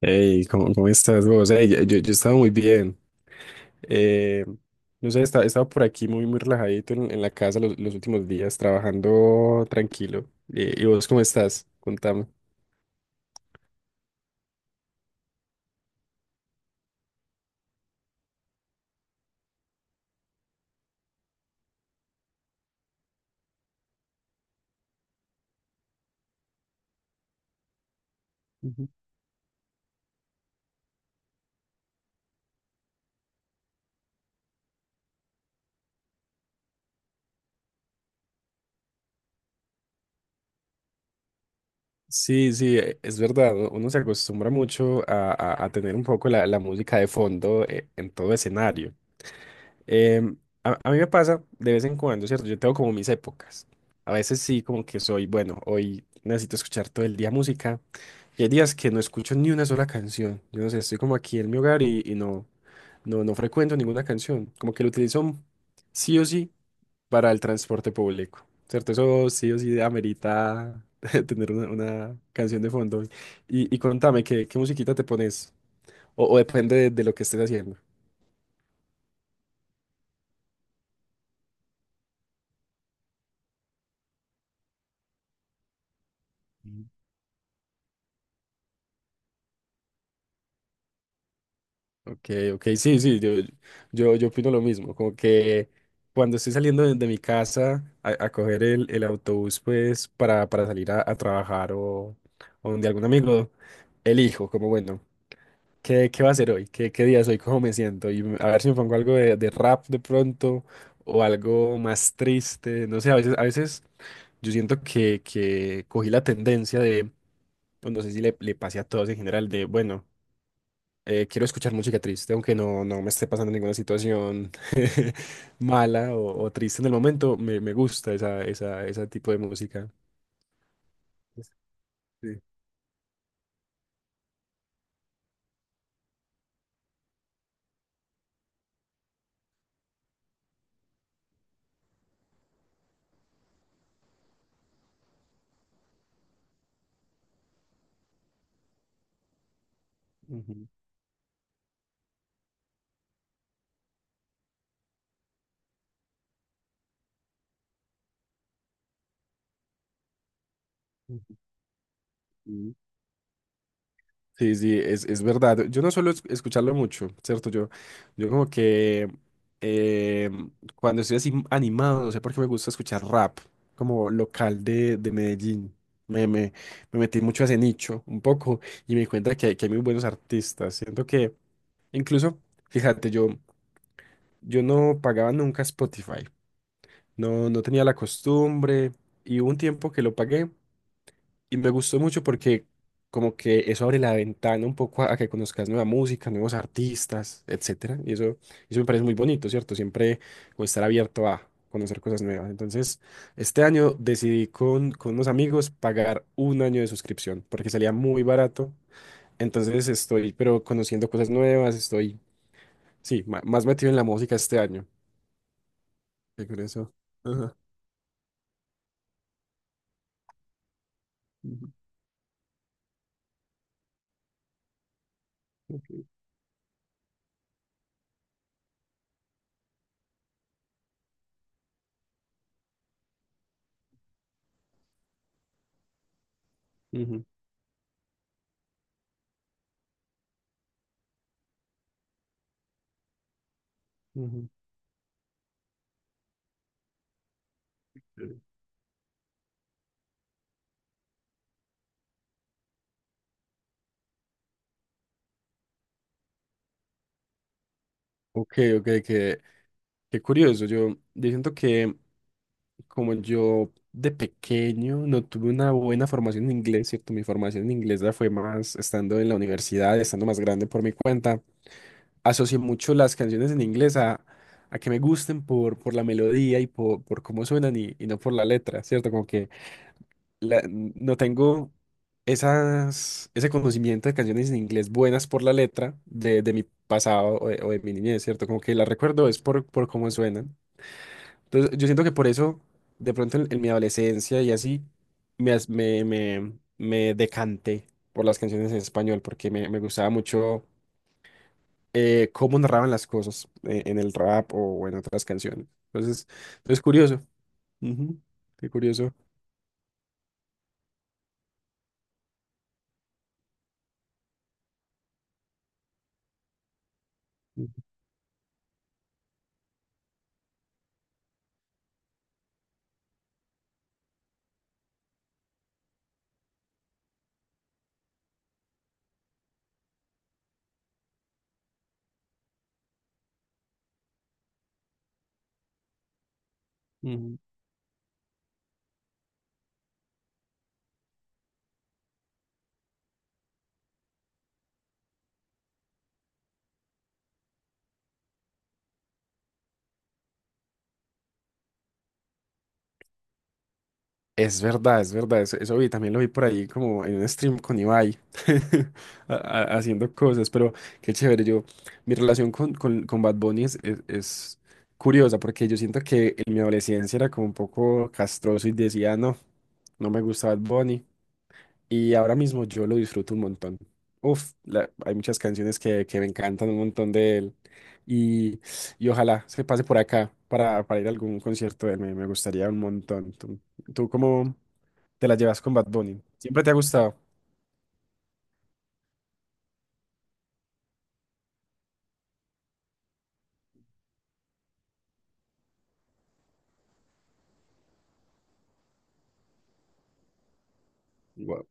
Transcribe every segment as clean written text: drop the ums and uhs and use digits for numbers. Hey, ¿cómo estás vos? Hey, yo he estado muy bien. Eh, no sé, he estado por aquí muy, muy relajadito en la casa los últimos días, trabajando tranquilo. ¿Y vos cómo estás? Contame. Ujú. Sí, sí, es verdad. Uno se acostumbra mucho a, a tener un poco la música de fondo en todo escenario. Em, a, a mí me pasa de vez en cuando, ¿cierto? Yo tengo como mis épocas. A veces sí, como que soy, bueno, hoy necesito escuchar todo el día música. Y hay días que no escucho ni una sola canción. Yo no sé, estoy como aquí en mi hogar y no, no frecuento ninguna canción. Como que lo utilizo sí o sí para el transporte público, ¿cierto? Eso sí o sí amerita tener una canción de fondo. Y contame, ¿qué, qué musiquita te pones? O depende de lo que estés haciendo. Ok, ok, sí, sí, yo, yo opino lo mismo, como que cuando estoy saliendo de mi casa a coger el autobús, pues, para salir a trabajar o donde algún amigo, elijo, como bueno, ¿qué, qué va a hacer hoy? ¿Qué, qué día soy? ¿Cómo me siento? Y a ver si me pongo algo de rap de pronto o algo más triste, no sé, a veces yo siento que cogí la tendencia de, pues, no sé si le, le pase a todos en general, de, bueno quiero escuchar música triste, aunque no, no me esté pasando ninguna situación mala o triste en el momento, me gusta esa, esa, ese tipo de música. Sí. Ujú, ujú, ujú. Sí, sí, es verdad. Yo no suelo escucharlo mucho, ¿cierto? Yo como que eh, cuando estoy así animado, no sé por qué me gusta escuchar rap, como local de Medellín. Me, me, me metí mucho a ese nicho, un poco, y me di cuenta que, que hay muy buenos artistas. Siento que incluso, fíjate, yo no pagaba nunca Spotify, no, no tenía la costumbre y hubo un tiempo que lo pagué y me gustó mucho porque como que eso abre la ventana un poco a que conozcas nueva música, nuevos artistas, etcétera. Y eso me parece muy bonito, ¿cierto? Siempre como estar abierto a conocer cosas nuevas. Entonces, este año decidí con unos amigos pagar un año de suscripción porque salía muy barato. Entonces estoy, pero conociendo cosas nuevas, estoy sí, más metido en la música este año. Qué curioso. Ajá. Ujú, ujú, ujú. Ok, ok, qué, qué curioso. Yo siento que como yo de pequeño no tuve una buena formación en inglés, ¿cierto? Mi formación en inglés la fue más estando en la universidad, estando más grande por mi cuenta. Asocié mucho las canciones en inglés a que me gusten por la melodía y por cómo suenan y no por la letra, ¿cierto? Como que no tengo esas, ese conocimiento de canciones en inglés buenas por la letra de mi pasado o de mi niñez, ¿cierto? Como que las recuerdo es por cómo suenan. Entonces, yo siento que por eso, de pronto en mi adolescencia y así, me, me, me, me decanté por las canciones en español, porque me gustaba mucho cómo narraban las cosas en el rap o en otras canciones. Entonces, es curioso. Ujú. Qué curioso. Ujú. Es verdad, eso vi, también lo vi por ahí como en un stream con Ibai, haciendo cosas, pero qué chévere, yo, mi relación con Bad Bunny es, es curiosa, porque yo siento que en mi adolescencia era como un poco castroso y decía, no, no me gusta Bad Bunny, y ahora mismo yo lo disfruto un montón. Uf, hay muchas canciones que me encantan un montón de él, y, y ojalá se pase por acá para ir a algún concierto de él, me gustaría un montón. ¿Tú, tú cómo te la llevas con Bad Bunny? ¿Siempre te ha gustado? Wow.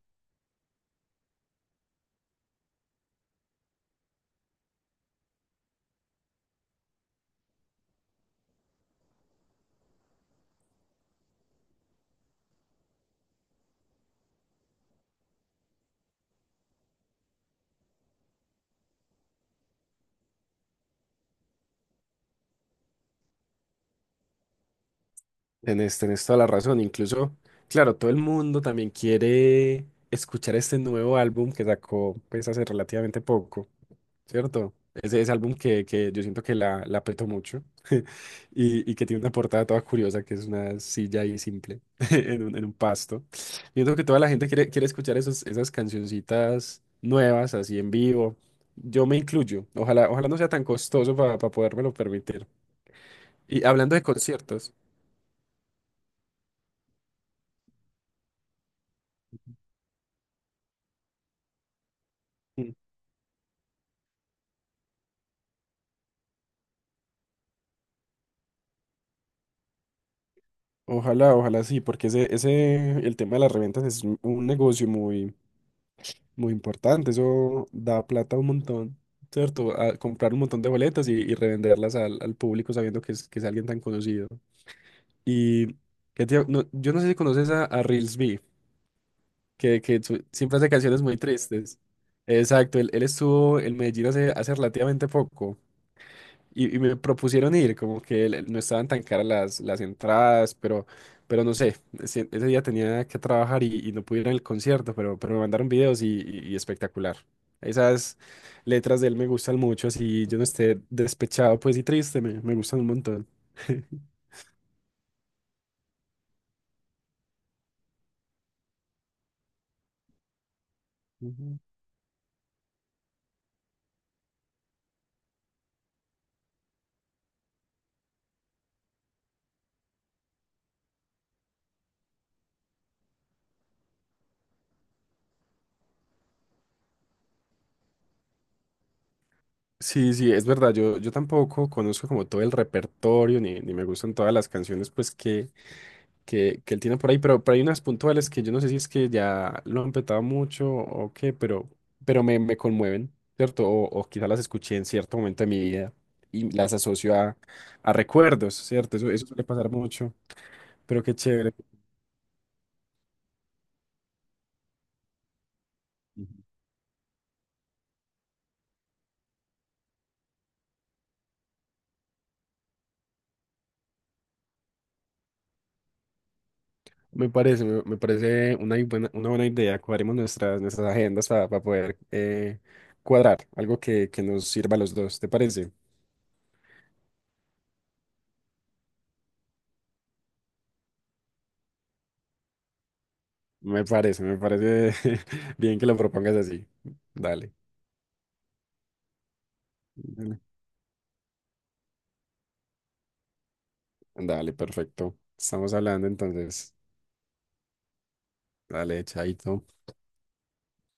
Tenés, tenés toda la razón. Incluso, claro, todo el mundo también quiere escuchar este nuevo álbum que sacó pues hace relativamente poco, ¿cierto? Ese álbum que yo siento que la apretó mucho y que tiene una portada toda curiosa, que es una silla ahí simple en un pasto. Siento que toda la gente quiere, quiere escuchar esos, esas cancioncitas nuevas, así en vivo. Yo me incluyo. Ojalá, ojalá no sea tan costoso para podérmelo permitir. Y hablando de conciertos, mm, ojalá, ojalá sí, porque ese, el tema de las reventas es un negocio muy, muy importante. Eso da plata un montón, ¿cierto? A comprar un montón de boletas y revenderlas al, al público sabiendo que es alguien tan conocido. Y que yo no sé si conoces a Reels B, que siempre hace canciones muy tristes. Exacto, él estuvo en Medellín hace, hace relativamente poco. Y me propusieron ir, como que no estaban tan caras las entradas, pero no sé, ese día tenía que trabajar y no pude ir al concierto, pero me mandaron videos y, y espectacular. Esas letras de él me gustan mucho, así yo no esté despechado pues y triste, me gustan un montón. Ujú. Sí, sí, es verdad, yo tampoco conozco como todo el repertorio, ni, ni me gustan todas las canciones pues que él tiene por ahí, pero hay unas puntuales que yo no sé si es que ya lo han petado mucho o qué, pero me conmueven, ¿cierto? O quizá las escuché en cierto momento de mi vida y las asocio a recuerdos, ¿cierto? Eso suele pasar mucho, pero qué chévere. Ujú. Me parece, me parece una buena, una buena idea. Cuadremos nuestras, nuestras agendas para poder cuadrar algo que nos sirva a los dos, ¿te parece? Me parece, me parece bien que lo propongas así. Dale. Dale, perfecto. Estamos hablando entonces. Dale, chaito.